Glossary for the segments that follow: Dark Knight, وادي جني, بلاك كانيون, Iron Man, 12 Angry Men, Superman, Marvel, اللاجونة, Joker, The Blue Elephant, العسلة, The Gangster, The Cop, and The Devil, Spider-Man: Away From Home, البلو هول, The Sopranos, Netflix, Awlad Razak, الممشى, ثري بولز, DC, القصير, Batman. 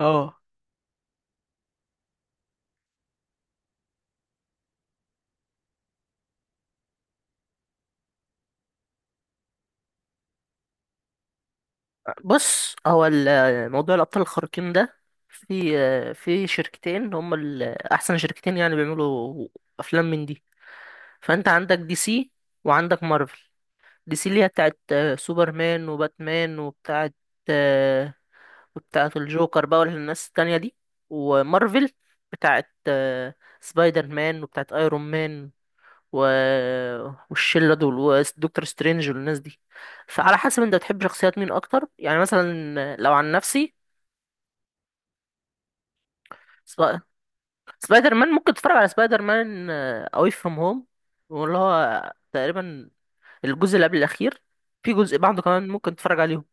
اه، بص. هو موضوع الأبطال الخارقين ده. في شركتين، هم أحسن شركتين يعني بيعملوا أفلام من دي. فأنت عندك دي سي، وعندك مارفل. دي سي اللي هي بتاعت سوبرمان وباتمان، آه، وبتاعت الجوكر بقى، والناس التانية دي. ومارفل بتاعت سبايدر مان وبتاعت ايرون مان و... والشله دول، ودكتور سترينج، والناس دي. فعلى حسب انت بتحب شخصيات مين اكتر، يعني مثلا لو عن نفسي، سبا... سبايدر مان ممكن تتفرج على سبايدر مان اواي فروم هوم، واللي هو تقريبا الجزء اللي قبل الاخير، في جزء بعده كمان ممكن تتفرج عليهم.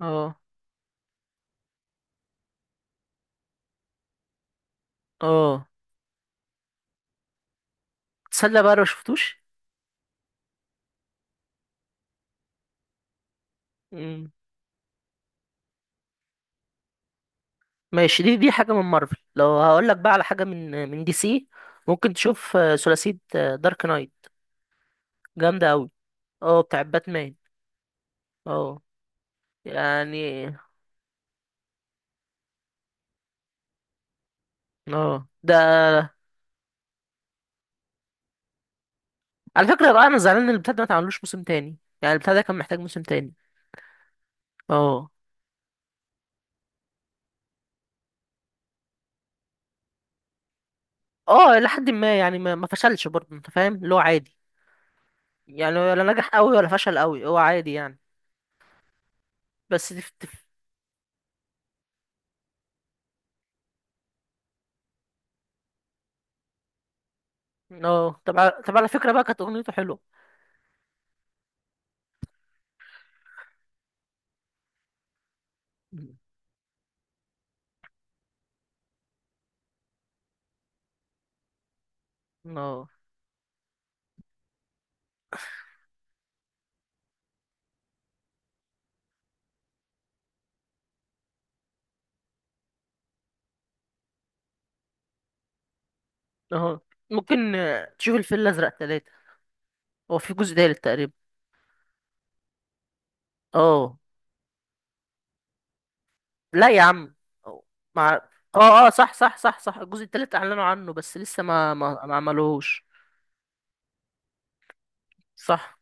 اه اه، تصدق بقى لو شفتوش؟ مم. ماشي. دي حاجه من مارفل. لو هقول لك بقى على حاجه من دي سي، ممكن تشوف ثلاثيه دارك نايت، جامده قوي. اه، بتاع باتمان. اه، يعني اه ده على فكرة بقى، انا زعلان ان البتاع ده ما اتعملوش موسم تاني. يعني البتاع ده كان محتاج موسم تاني. اه اه، الى حد ما. يعني ما فشلش برضه، انت فاهم؟ اللي هو عادي. يعني ولا نجح قوي ولا فشل قوي، هو عادي يعني. بس تف تف. اه، طب على فكرة بقى كانت اغنيته حلوة. اه اه، ممكن تشوف الفيل الازرق 3. هو في جزء تالت تقريبا. اه، لا يا عم. أو- مع اه اه صح صح صح صح. الجزء التالت اعلنوا عنه، بس لسه ما عملوهوش. صح.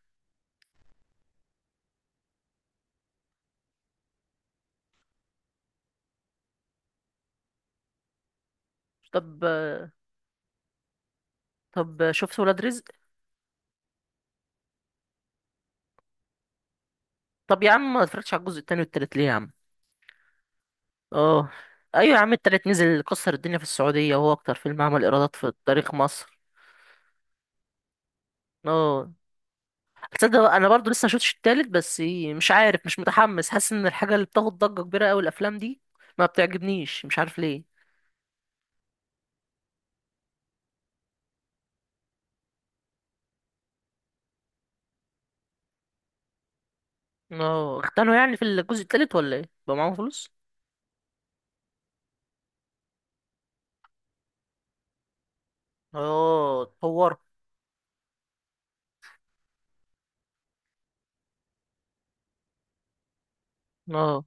طب طب شفت ولاد رزق؟ طب يا عم، ما اتفرجتش على الجزء التاني والتالت ليه يا عم؟ اه، ايوه يا عم. التالت نزل كسر الدنيا في السعوديه، وهو اكتر فيلم عمل ايرادات في تاريخ مصر. اه، تصدق بقى، انا برضو لسه مشفتش التالت بس. مش عارف، مش متحمس. حاسس ان الحاجه اللي بتاخد ضجه كبيره قوي الافلام دي ما بتعجبنيش، مش عارف ليه. اه، اختنوا يعني في الجزء التالت ولا ايه بقى معاهم فلوس؟ اه، اتطور. اه،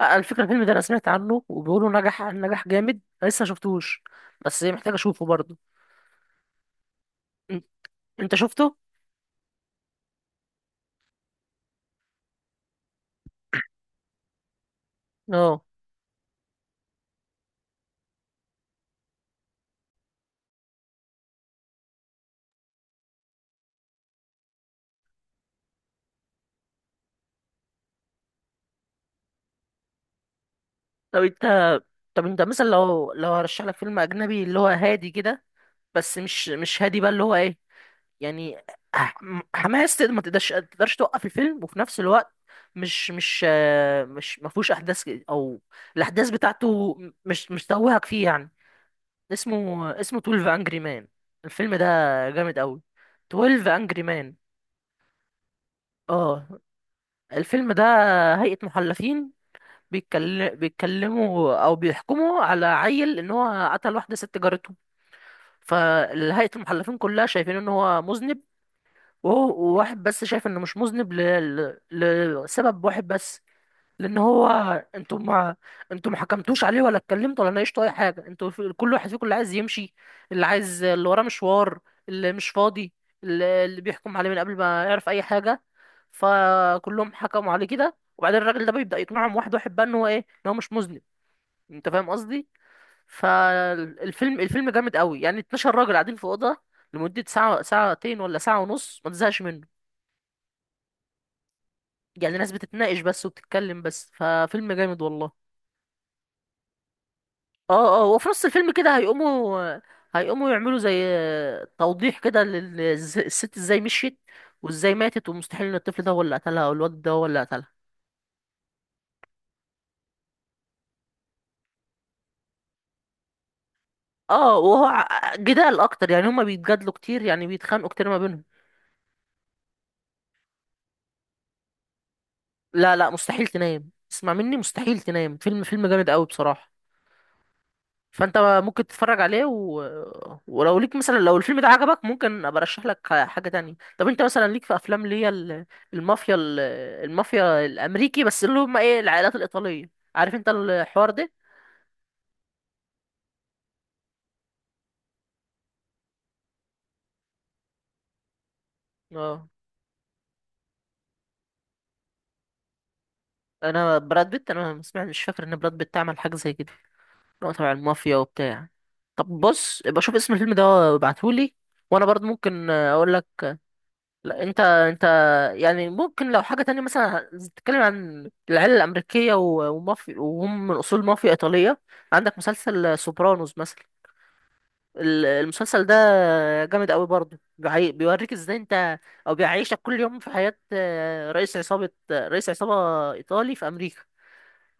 الفكرة الفيلم ده انا سمعت عنه وبيقولوا نجح نجح جامد، أنا لسه شفتوش بس محتاج اشوفه برضه. إن- انت شفته؟ اه. طب انت، مثلا لو هرشح لك فيلم اجنبي اللي هو هادي كده، بس مش هادي بقى، اللي هو ايه يعني، ح- حماس. ما تقدرش توقف الفيلم، وفي نفس الوقت مش ما فيهوش احداث او الاحداث بتاعته مش توهك فيه يعني. اسمه 12 Angry Men. الفيلم ده جامد قوي. 12 Angry Men. اه. الفيلم ده هيئة محلفين، بيتكلموا او بيحكموا على عيل ان هو قتل واحدة ست جارته. فهيئة المحلفين كلها شايفين ان هو مذنب، وواحد بس شايف انه مش مذنب لسبب واحد بس. لان هو انتوا ما انتوا ما حكمتوش عليه، ولا اتكلمتوا، ولا ناقشتوا اي حاجه. كل واحد فيكم اللي عايز يمشي، اللي وراه مشوار، اللي مش فاضي، اللي بيحكم عليه من قبل ما يعرف اي حاجه. فكلهم حكموا عليه كده. وبعدين الراجل ده بيبدا يقنعهم واحد واحد بقى، ان هو ايه، ان هو مش مذنب. انت فاهم قصدي؟ فالفيلم جامد قوي، يعني 12 راجل قاعدين في اوضه لمده ساعه، ساعتين ولا ساعه ونص، ما تزهقش منه. يعني ناس بتتناقش بس وبتتكلم بس، ففيلم جامد والله. اه اه. وفي نص الفيلم كده هيقوموا، يعملوا زي توضيح كده للست ازاي مشيت، وازاي ماتت، ومستحيل ان الطفل ده هو اللي قتلها، او الواد ده هو اللي قتلها. اه، جدال اكتر، يعني هما بيتجادلوا كتير، يعني بيتخانقوا كتير ما بينهم. لا لا، مستحيل تنام. اسمع مني، مستحيل تنام. فيلم جامد قوي بصراحة. فانت ممكن تتفرج عليه. ولو ليك مثلا، لو الفيلم ده عجبك، ممكن ابقى ارشح لك حاجه تانية. طب انت مثلا، ليك في افلام اللي هي المافيا، المافيا الامريكي، بس اللي هم ايه، العائلات الايطاليه؟ عارف انت الحوار ده؟ اه، انا براد بيت انا ما سمعت، مش فاكر ان براد بيت عمل حاجه زي كده، اللي هو تبع المافيا وبتاع. طب بص، ابقى شوف اسم الفيلم ده وابعتهولي، وانا برضه ممكن اقول لك. لا، انت يعني، ممكن لو حاجة تانية مثلا، تتكلم عن العيلة الأمريكية ومافيا، وهم من أصول مافيا إيطالية. عندك مسلسل سوبرانوس مثلا. المسلسل ده جامد قوي برضه. بيوريك ازاي انت، او بيعيشك كل يوم في حياة رئيس عصابة إيطالي في أمريكا.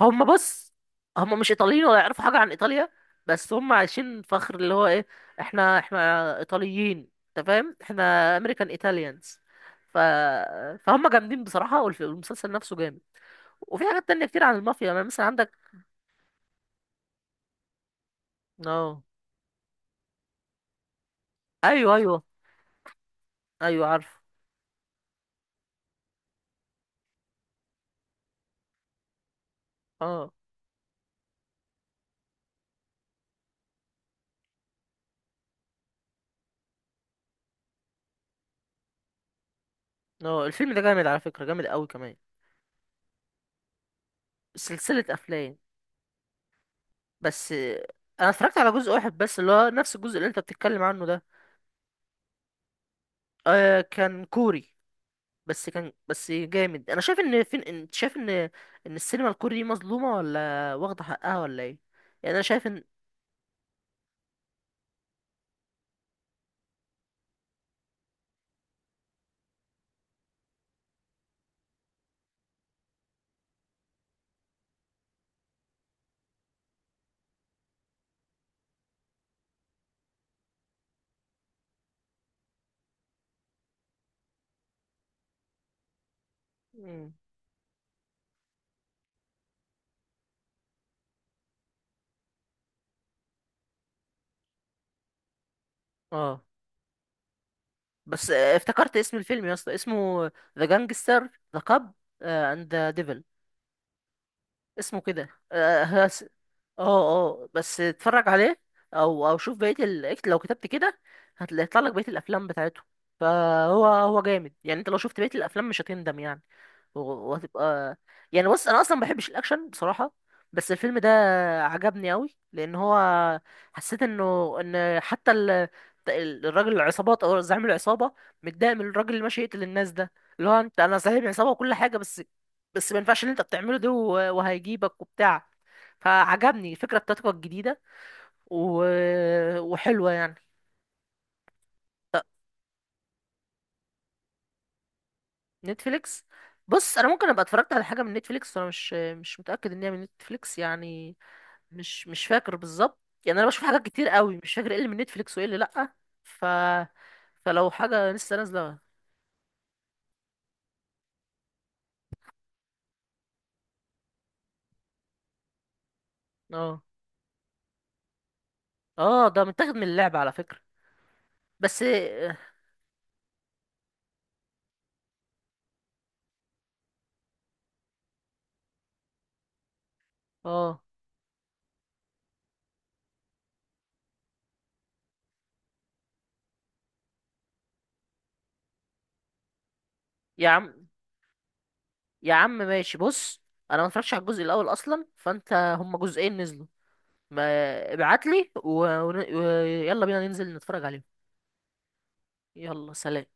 بص، هم مش ايطاليين ولا يعرفوا حاجه عن ايطاليا، بس هم عايشين فخر اللي هو ايه، احنا ايطاليين. انت فاهم، احنا امريكان ايطاليانز. ف... فهم جامدين بصراحه، والمسلسل نفسه جامد. وفي حاجات تانية كتير عن المافيا، يعني مثلا عندك. اه، ايوه ايوه ايوه، عارف. اه اه، الفيلم ده جامد على فكره، جامد قوي كمان. سلسله افلام. بس انا اتفرجت على جزء واحد بس، اللي هو نفس الجزء اللي انت بتتكلم عنه ده. آه، كان كوري. بس كان بس جامد. انا شايف ان، فين انت شايف ان السينما الكوري دي مظلومه، ولا واخده حقها، ولا ايه؟ يعني انا شايف ان. مم. اه، بس افتكرت اسم الفيلم يا اسطى، اسمه ذا جانجستر ذا كاب اند ذا ديفل. اسمه كده اه. اه، بس اتفرج عليه، او شوف بقيه لو كتبت كده هتطلع لك بقيه الافلام بتاعته. فهو جامد يعني. انت لو شفت بقيه الافلام مش هتندم يعني. وهتبقى يعني. بص، انا اصلا ما بحبش الاكشن بصراحه، بس الفيلم ده عجبني قوي، لان هو حسيت ان حتى الراجل العصابات او زعيم العصابه متضايق من الراجل اللي ماشي يقتل الناس ده، اللي هو انت، انا صاحب عصابه وكل حاجه، بس ما ينفعش اللي انت بتعمله ده، وهيجيبك وبتاع. فعجبني الفكره بتاعتك الجديده و... وحلوه يعني. نتفليكس؟ بص، انا ممكن ابقى اتفرجت على حاجه من نتفليكس وانا مش متاكد ان هي من نتفليكس يعني. مش فاكر بالظبط. يعني انا بشوف حاجات كتير قوي، مش فاكر ايه اللي من نتفليكس وايه اللي لا. ف فلو حاجه لسه نازله. اه اه، ده متاخد من اللعبه على فكره بس. اه، يا عم يا عم ماشي. بص، انا ما اتفرجتش على الجزء الاول اصلا، فانت هما جزئين نزلوا، ما ابعت لي ويلا بينا ننزل نتفرج عليهم. يلا، سلام.